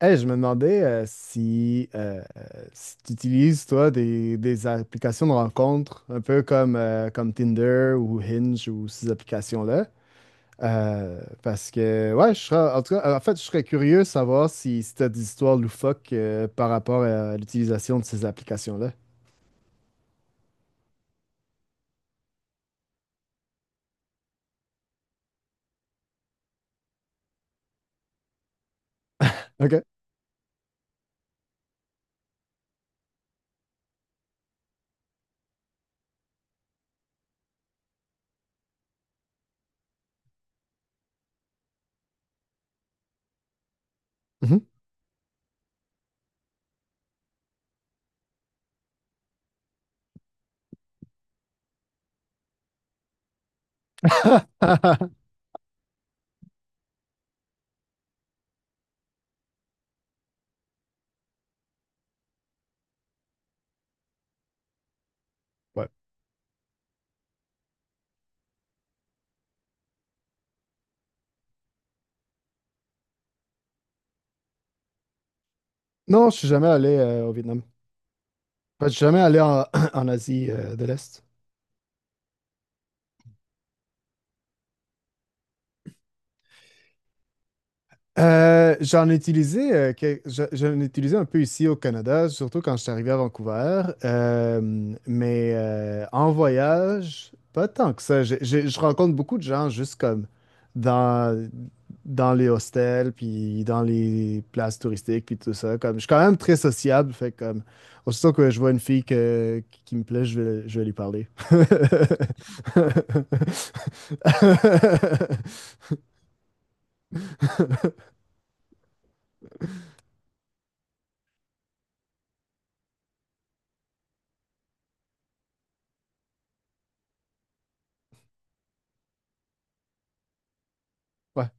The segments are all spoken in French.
Hey, je me demandais si tu utilises, toi, des applications de rencontres, un peu comme Tinder ou Hinge ou ces applications-là. Parce que, ouais, je serais, en tout cas, en fait, je serais curieux de savoir si tu as des histoires loufoques par rapport à l'utilisation de ces applications-là. OK. Mhm. Ouais. Non, je suis jamais allé au Vietnam. Enfin, je suis jamais allé en, en Asie de l'Est. J'en ai utilisé, que- je- j'en ai utilisé un peu ici au Canada, surtout quand je suis arrivé à Vancouver. Mais en voyage, pas tant que ça. Je rencontre beaucoup de gens juste comme dans, dans les hostels, puis dans les places touristiques, puis tout ça. Comme, je suis quand même très sociable, fait que, comme aussitôt que je vois une fille qui me plaît, je vais lui parler. Ouais.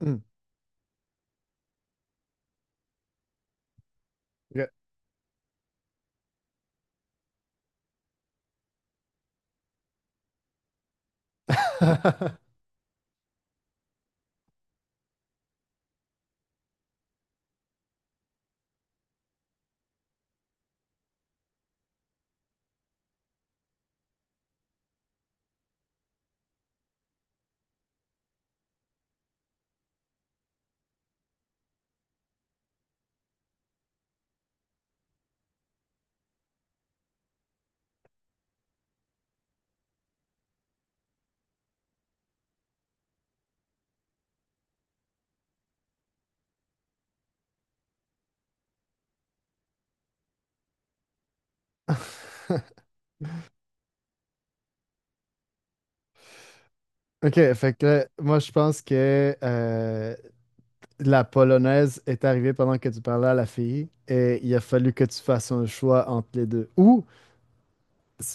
Hmm. Ok. Ok, fait que là, moi, je pense que la polonaise est arrivée pendant que tu parlais à la fille et il a fallu que tu fasses un choix entre les deux. Ou,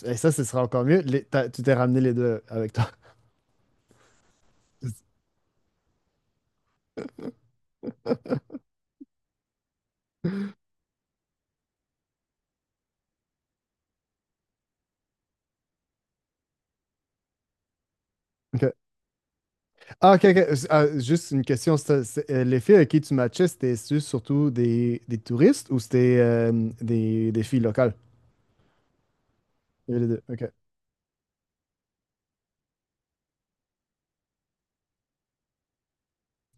et ça, ce sera encore mieux, tu t'es ramené les deux avec toi. Ok. Ah, ok, ok. Ah, juste une question. Les filles avec qui tu matchais, c'était surtout des touristes ou c'était des filles locales? Il y avait les deux. Ok.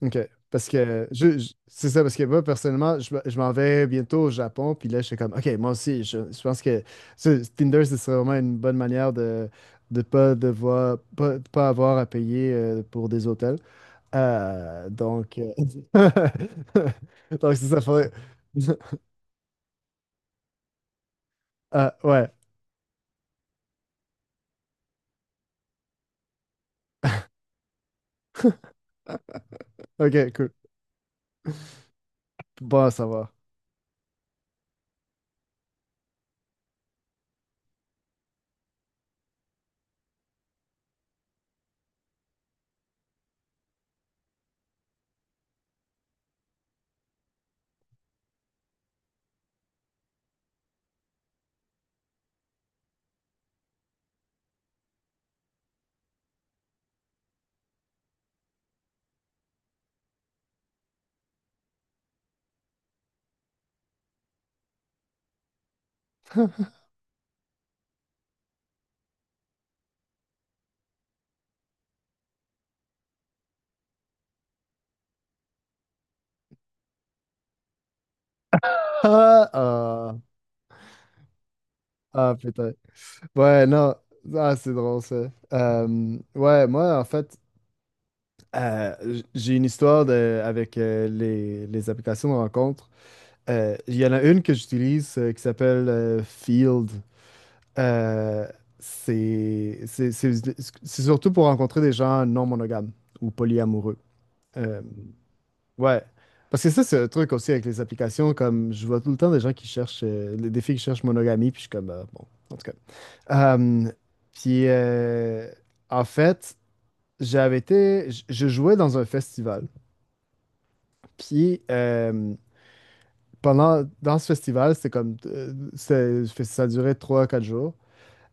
OK. Parce que c'est ça, parce que moi, personnellement, je m'en vais bientôt au Japon, puis là, je suis comme, OK, moi aussi, je pense que Tinder, ce serait vraiment une bonne manière de pas devoir, pas, pas avoir à payer pour des hôtels. Donc, donc c'est ça, faudrait. Ah, ouais, ok, cool. Bon, ça va. Ah, ah, ah, putain. Ouais, non, ah, c'est drôle ça. Ouais, moi, en fait, j'ai une histoire avec les applications de rencontre. Il y en a une que j'utilise qui s'appelle Field. Euh, c'est c'est- c'est- c'est surtout pour rencontrer des gens non monogames ou polyamoureux. Euh, ouais. Parce que ça, c'est un truc aussi avec les applications, comme je vois tout le temps des gens qui cherchent, des filles qui cherchent monogamie, puis je suis comme, bon, en tout cas. Euh, puis, en fait, j'avais été, je jouais dans un festival. Puis dans ce festival, c'était comme ça durait 3 quatre jours.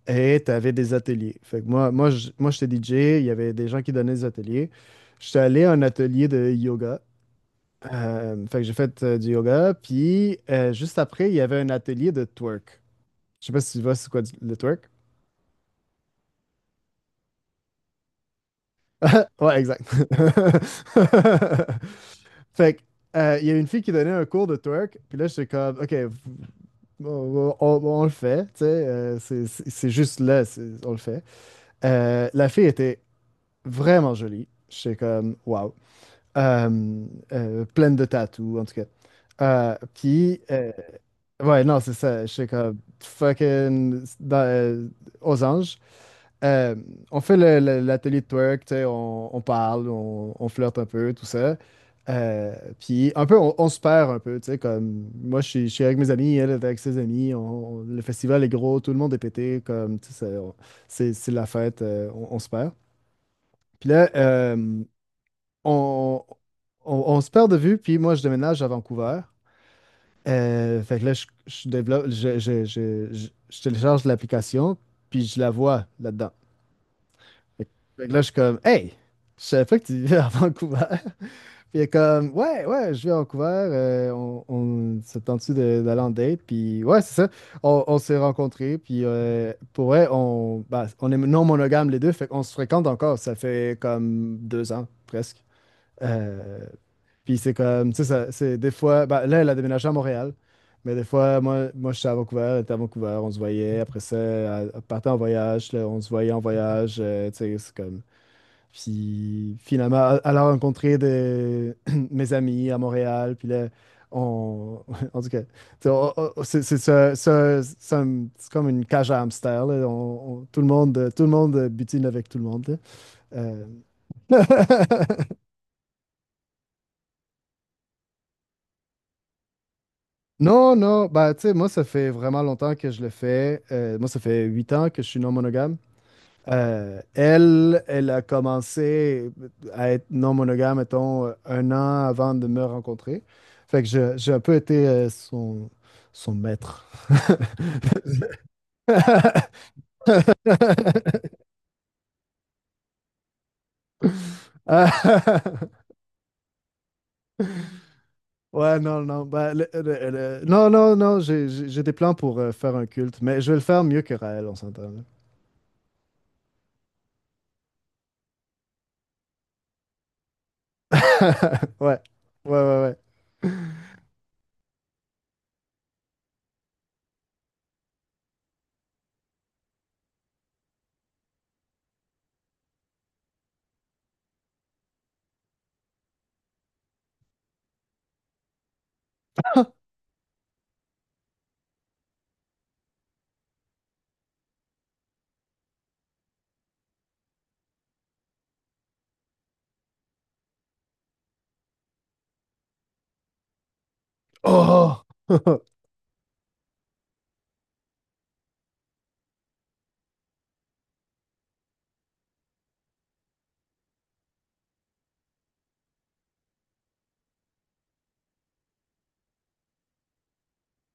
Et tu avais des ateliers. Fait que moi j'étais DJ, il y avait des gens qui donnaient des ateliers. J'étais allé à un atelier de yoga. Fait que j'ai fait du yoga. Puis juste après, il y avait un atelier de twerk. Je sais pas si tu vois c'est quoi le twerk. Ouais, exact. Fait que, il y a une fille qui donnait un cours de twerk, puis là, j'étais comme, OK, On, bon, on le fait, tu sais, c'est juste là, on le fait. La fille était vraiment jolie. J'étais comme, wow. Euh, pleine de tatous, en tout cas. Puis, ouais, non, c'est ça. J'étais comme, fucking, aux anges, euh, on fait l'atelier de twerk, tu sais, on parle, on flirte un peu, tout ça. Puis un peu, on se perd un peu, tu sais, comme moi, je suis avec mes amis, elle est avec ses amis, le festival est gros, tout le monde est pété, comme, tu sais, c'est la fête, on se perd. Puis là, on, on se perd de vue, puis moi, je déménage à Vancouver. Fait que là, je développe, je télécharge l'application, puis je la vois là-dedans. Fait que là, je suis comme, hey, je savais pas que tu vivais à Vancouver. Puis il est comme, ouais, ouais, je vis à Vancouver. On se tente-tu d'aller en date? Puis ouais, c'est ça. On s'est rencontrés. Puis pour vrai, on, bah, on est non monogame les deux. Fait qu'on se fréquente encore. Ça fait comme deux ans, presque. Euh, puis c'est comme, tu sais, c'est des fois, bah, là, elle a déménagé à Montréal. Mais des fois, moi, je suis à Vancouver, elle était à Vancouver, on se voyait. Après ça, elle partait en voyage, là, on se voyait en voyage. Tu sais, c'est comme. Puis finalement, elle a rencontré des... mes amis à Montréal. Puis là, on... En tout cas, tu sais, c'est ça- ça- c'est comme une cage à hamster, là. Tout le monde butine avec tout le monde, là. Euh, Non, non, bah, tu sais, moi, ça fait vraiment longtemps que je le fais. Moi, ça fait 8 ans que je suis non monogame. Elle a commencé à être non monogame, mettons, un an avant de me rencontrer. Fait que j'ai un peu été son maître. Ouais, non, non. Ben, non, non, non, j'ai des plans pour faire un culte, mais je vais le faire mieux que Raël, on s'entend, là. Ouais, ouais, ouais, ouais. Oh!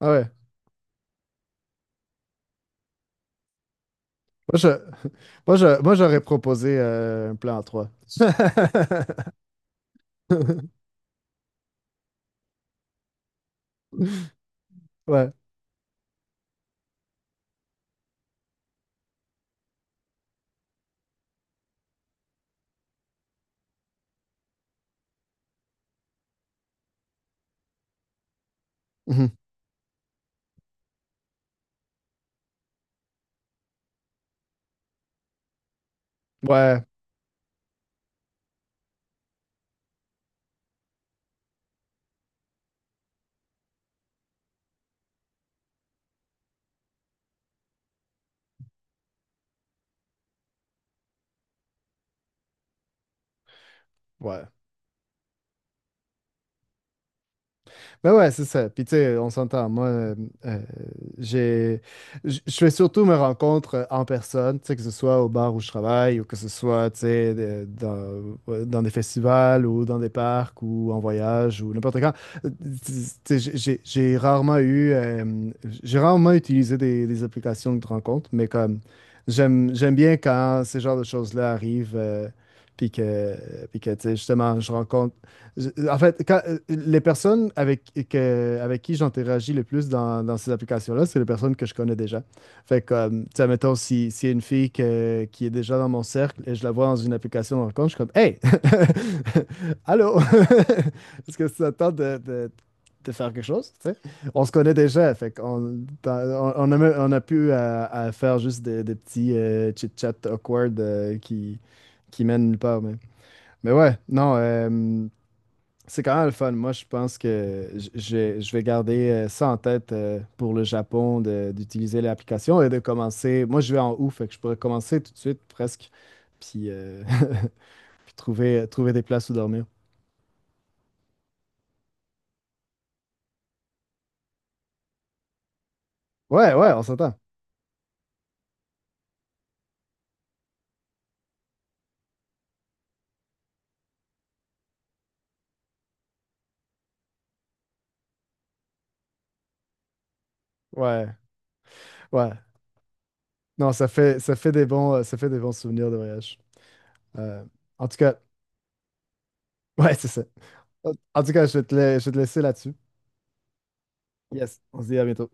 Ah ouais. Moi, je, moi, j'aurais proposé un plan 3. Ouais. Mhm. Ouais. Ouais. Ben ouais, c'est ça. Puis tu sais, on s'entend. Moi, euh, j'ai, je fais surtout mes rencontres en personne, tu sais, que ce soit au bar où je travaille ou que ce soit, tu sais, dans, ouais, dans des festivals ou dans des parcs ou en voyage ou n'importe quand. Euh, Tu sais, j'ai rarement utilisé des applications de rencontres, mais comme j'aime bien quand ces genres de choses-là arrivent. Puis que, puis que, tu sais, justement, en fait, quand, les personnes avec qui j'interagis le plus dans ces applications-là, c'est les personnes que je connais déjà. Fait que, comme, tu sais, mettons, si, s'il y a une fille qui est déjà dans mon cercle et je la vois dans une application de rencontre, je suis comme, Hey! Allô! Est-ce que ça te tente de faire quelque chose? Tu sais? On se connaît déjà, fait qu'on dans- on a, on a pu à faire juste des petits chit-chats awkward qui mènent nulle part. Mais ouais, non. C'est quand même le fun. Moi, je pense que je vais garder ça en tête pour le Japon d'utiliser l'application et de commencer. Moi, je vais en août, fait que je pourrais commencer tout de suite presque, puis, puis trouver des places où dormir. Ouais, ouais, on s'entend. Ouais, ouais. Non, ça fait des bons, ça fait des bons souvenirs de voyage. Euh, en tout cas, ouais, c'est ça. En tout cas, je vais te laisser là-dessus. Yes, on se dit à bientôt.